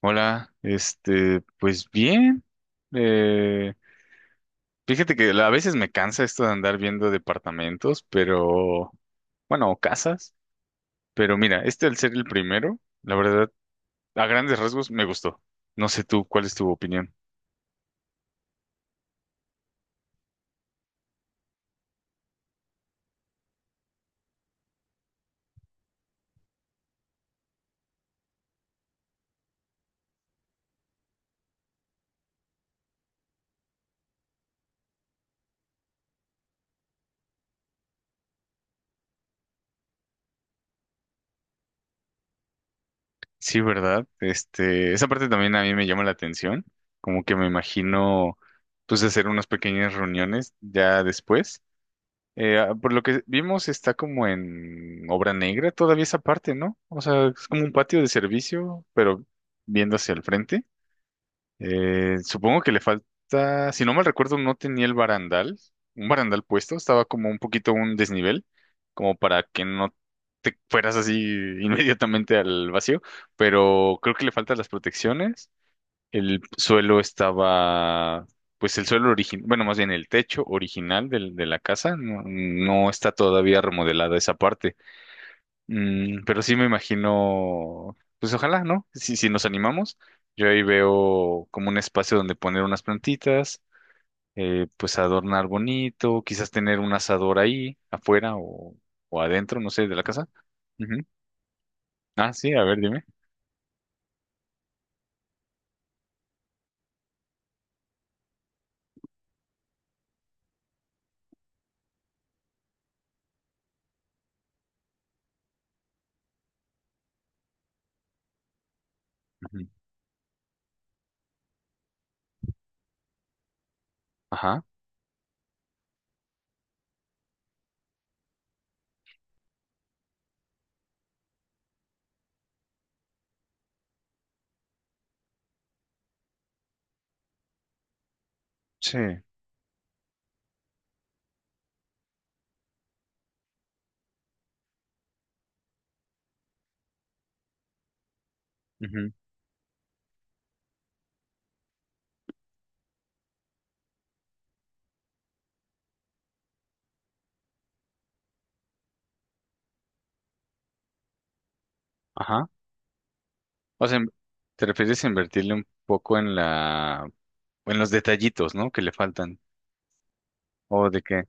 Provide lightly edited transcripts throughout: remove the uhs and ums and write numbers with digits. Hola, pues bien. eh, Fíjate que a veces me cansa esto de andar viendo departamentos, pero bueno, o casas. Pero mira, al ser el primero, la verdad, a grandes rasgos me gustó. No sé tú, ¿cuál es tu opinión? Sí, ¿verdad? Esa parte también a mí me llama la atención. Como que me imagino, pues, hacer unas pequeñas reuniones ya después. Ah, por lo que vimos, está como en obra negra todavía esa parte, ¿no? O sea, es como un patio de servicio, pero viendo hacia el frente. Supongo que le falta, si no mal recuerdo, no tenía el barandal, un barandal puesto, estaba como un poquito un desnivel, como para que no te fueras así inmediatamente al vacío, pero creo que le faltan las protecciones. El suelo estaba, pues el suelo original, bueno, más bien el techo original de la casa, no, no está todavía remodelada esa parte. Pero sí me imagino, pues ojalá, ¿no? Si nos animamos, yo ahí veo como un espacio donde poner unas plantitas, pues adornar bonito, quizás tener un asador ahí, afuera o adentro, no sé, de la casa. Ujú. Ah, sí, a ver, dime. Ujú. Ajá, sí. Ujú. Ajá. O sea, te refieres a invertirle un poco en la, en los detallitos, ¿no? Que le faltan. ¿O de qué?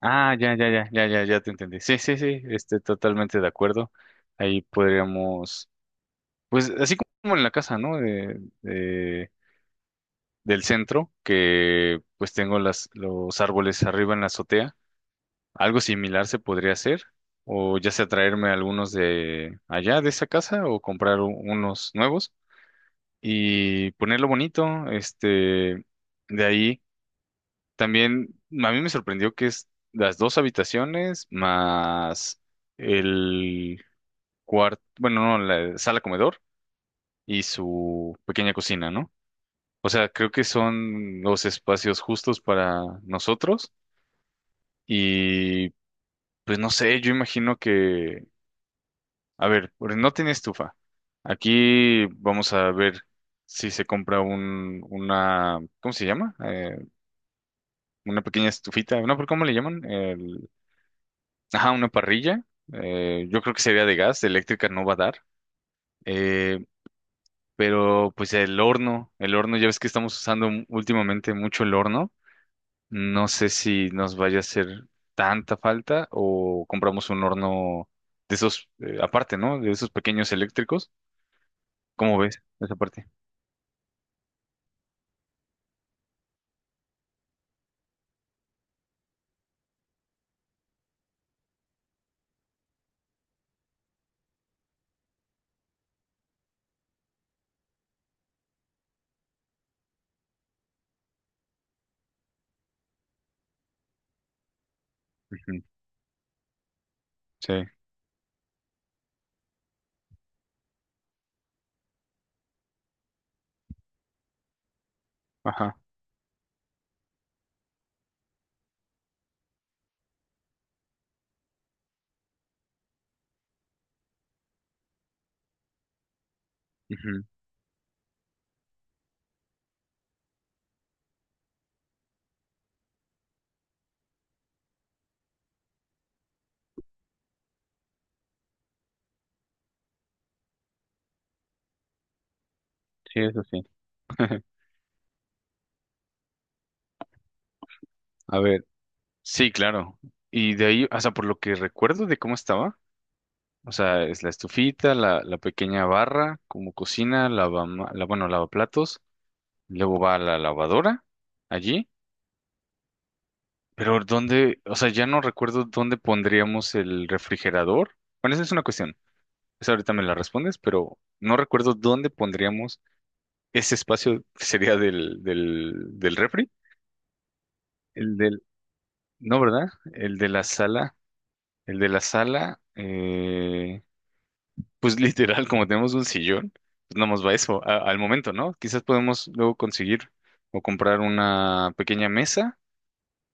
Ah, ya, ya, ya, ya, ya, ya te entendí. Sí, sí, sí, estoy totalmente de acuerdo. Ahí podríamos, pues así como en la casa, ¿no? Del centro, que pues tengo las, los árboles arriba en la azotea. Algo similar se podría hacer. O ya sea traerme algunos de allá de esa casa o comprar unos nuevos y ponerlo bonito. De ahí también a mí me sorprendió que es las dos habitaciones más el cuarto, bueno, no, la sala comedor y su pequeña cocina, ¿no? O sea, creo que son los espacios justos para nosotros y pues no sé, yo imagino que, a ver, porque no tiene estufa. Aquí vamos a ver si se compra un, una, ¿cómo se llama? Una pequeña estufita, ¿no? ¿Por cómo le llaman? El. Ajá, una parrilla. Yo creo que sería de gas, de eléctrica no va a dar. Eh, pero pues el horno, ya ves que estamos usando últimamente mucho el horno. No sé si nos vaya a hacer tanta falta o compramos un horno de esos, aparte, ¿no? De esos pequeños eléctricos. ¿Cómo ves esa parte? Ujú. Sí, ajá. Ujú. Sí, eso sí. A ver. Sí, claro. Y de ahí, o sea, por lo que recuerdo de cómo estaba. O sea, es la estufita, la pequeña barra, como cocina, lava, la, bueno, lavaplatos, luego va a la lavadora allí, pero ¿dónde? O sea, ya no recuerdo dónde pondríamos el refrigerador. Bueno, esa es una cuestión, esa ahorita me la respondes, pero no recuerdo dónde pondríamos ese espacio, que sería del refri, el del, no, ¿verdad? El de la sala, el de la sala, pues literal, como tenemos un sillón, pues nada más va eso, al momento, ¿no? Quizás podemos luego conseguir o comprar una pequeña mesa,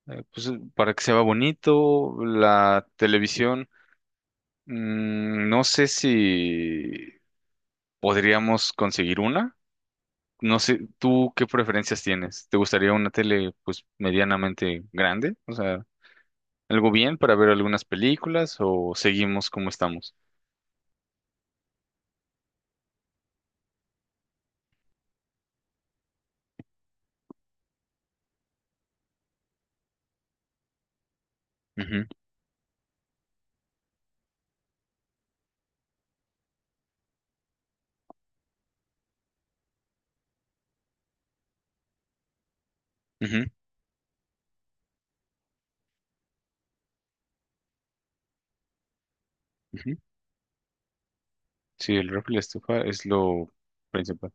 pues para que se vea bonito, la televisión. No sé si podríamos conseguir una, no sé, ¿tú qué preferencias tienes? ¿Te gustaría una tele pues medianamente grande? O sea, ¿algo bien para ver algunas películas o seguimos como estamos? Ujú, ujú, ujú. Sí, el refri y la estufa es lo principal.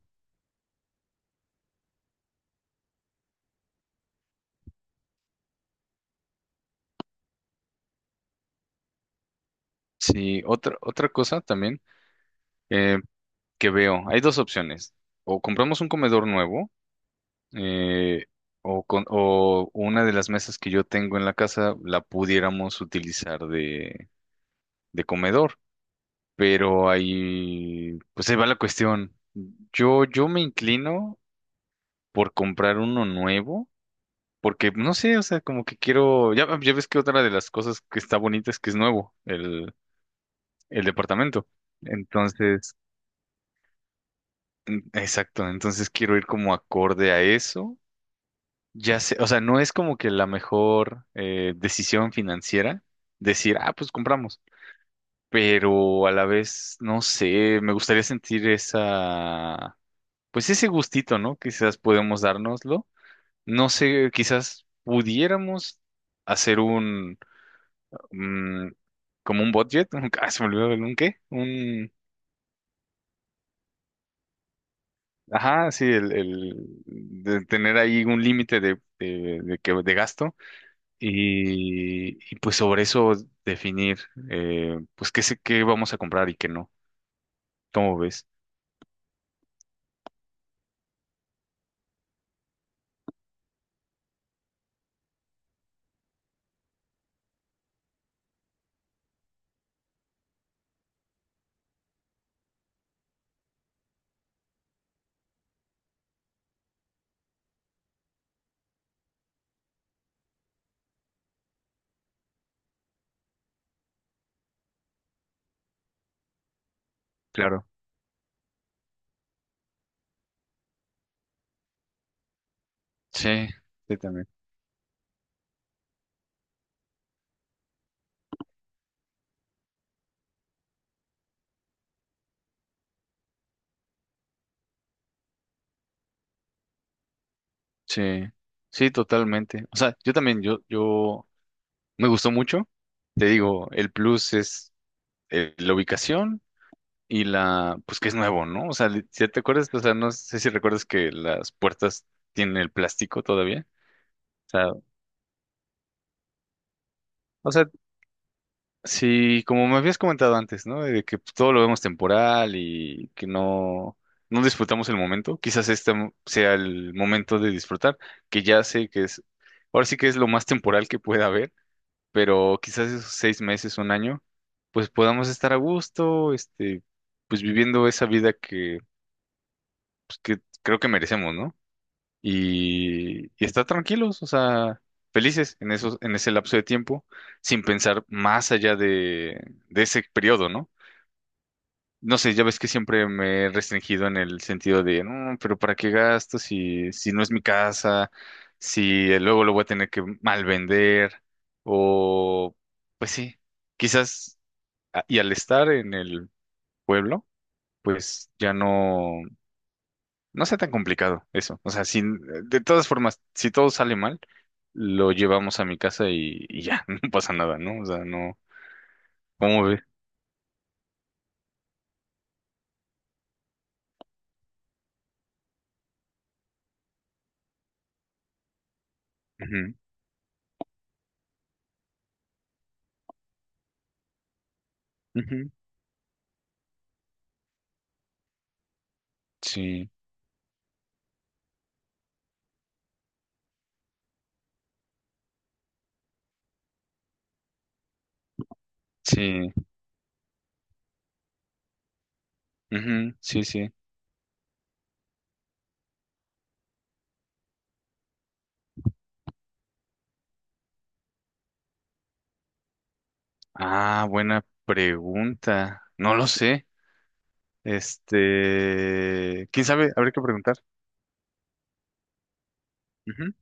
Sí, otra cosa también, eh, que veo, hay dos opciones, o compramos un comedor nuevo, eh, o, con, o una de las mesas que yo tengo en la casa la pudiéramos utilizar de comedor, pero ahí, pues ahí va la cuestión. Yo me inclino por comprar uno nuevo, porque no sé, o sea, como que quiero, ya, ya ves que otra de las cosas que está bonita es que es nuevo, el departamento. Entonces. Exacto, entonces quiero ir como acorde a eso. Ya sé, o sea, no es como que la mejor, decisión financiera decir, ah, pues compramos, pero a la vez, no sé, me gustaría sentir esa, pues ese gustito, ¿no? Quizás podemos dárnoslo. No sé, quizás pudiéramos hacer un, mm, como un budget, ah, se me olvidó el un qué, un, ajá, sí, el de tener ahí un límite de gasto, y, pues sobre eso definir, pues qué vamos a comprar y qué no. ¿Cómo ves? Claro. Sí, sí también. Sí, sí, totalmente. O sea, yo también, yo me gustó mucho. Te digo, el plus es, la ubicación y la, pues que es nuevo, ¿no? O sea, si te acuerdas, o sea, no sé si recuerdas que las puertas tienen el plástico todavía. O sea, o sea, sí, como me habías comentado antes, ¿no? De que pues, todo lo vemos temporal y que no, no disfrutamos el momento. Quizás este sea el momento de disfrutar, que ya sé que es, ahora sí que es lo más temporal que pueda haber, pero quizás esos 6 meses, un año, pues podamos estar a gusto, pues viviendo esa vida que, pues, que creo que merecemos, ¿no? Y estar tranquilos, o sea, felices en esos, en ese lapso de tiempo, sin pensar más allá de ese periodo, ¿no? No sé, ya ves que siempre me he restringido en el sentido de, no, pero ¿para qué gasto si no es mi casa? Si luego lo voy a tener que mal vender, o pues sí, quizás, y al estar en el pueblo, pues ya no. No sea tan complicado eso. O sea, sin, de todas formas, si todo sale mal, lo llevamos a mi casa y ya, no pasa nada, ¿no? O sea, no. ¿Cómo ve? Ujú, ujú, sí, sí, ujú, sí, sí. Ah, buena pregunta. No lo sé. Quién sabe, habría que preguntar. Ujú.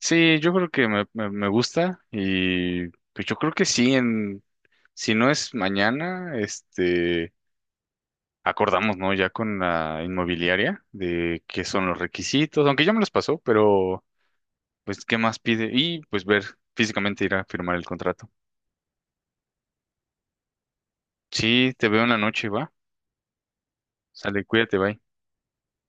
Sí, yo creo que me gusta y pues yo creo que sí, en, si no es mañana. Acordamos, ¿no? Ya con la inmobiliaria de qué son los requisitos, aunque ya me los pasó, pero pues qué más pide y pues ver físicamente ir a firmar el contrato. Sí, te veo en la noche, va. Sale, cuídate, bye.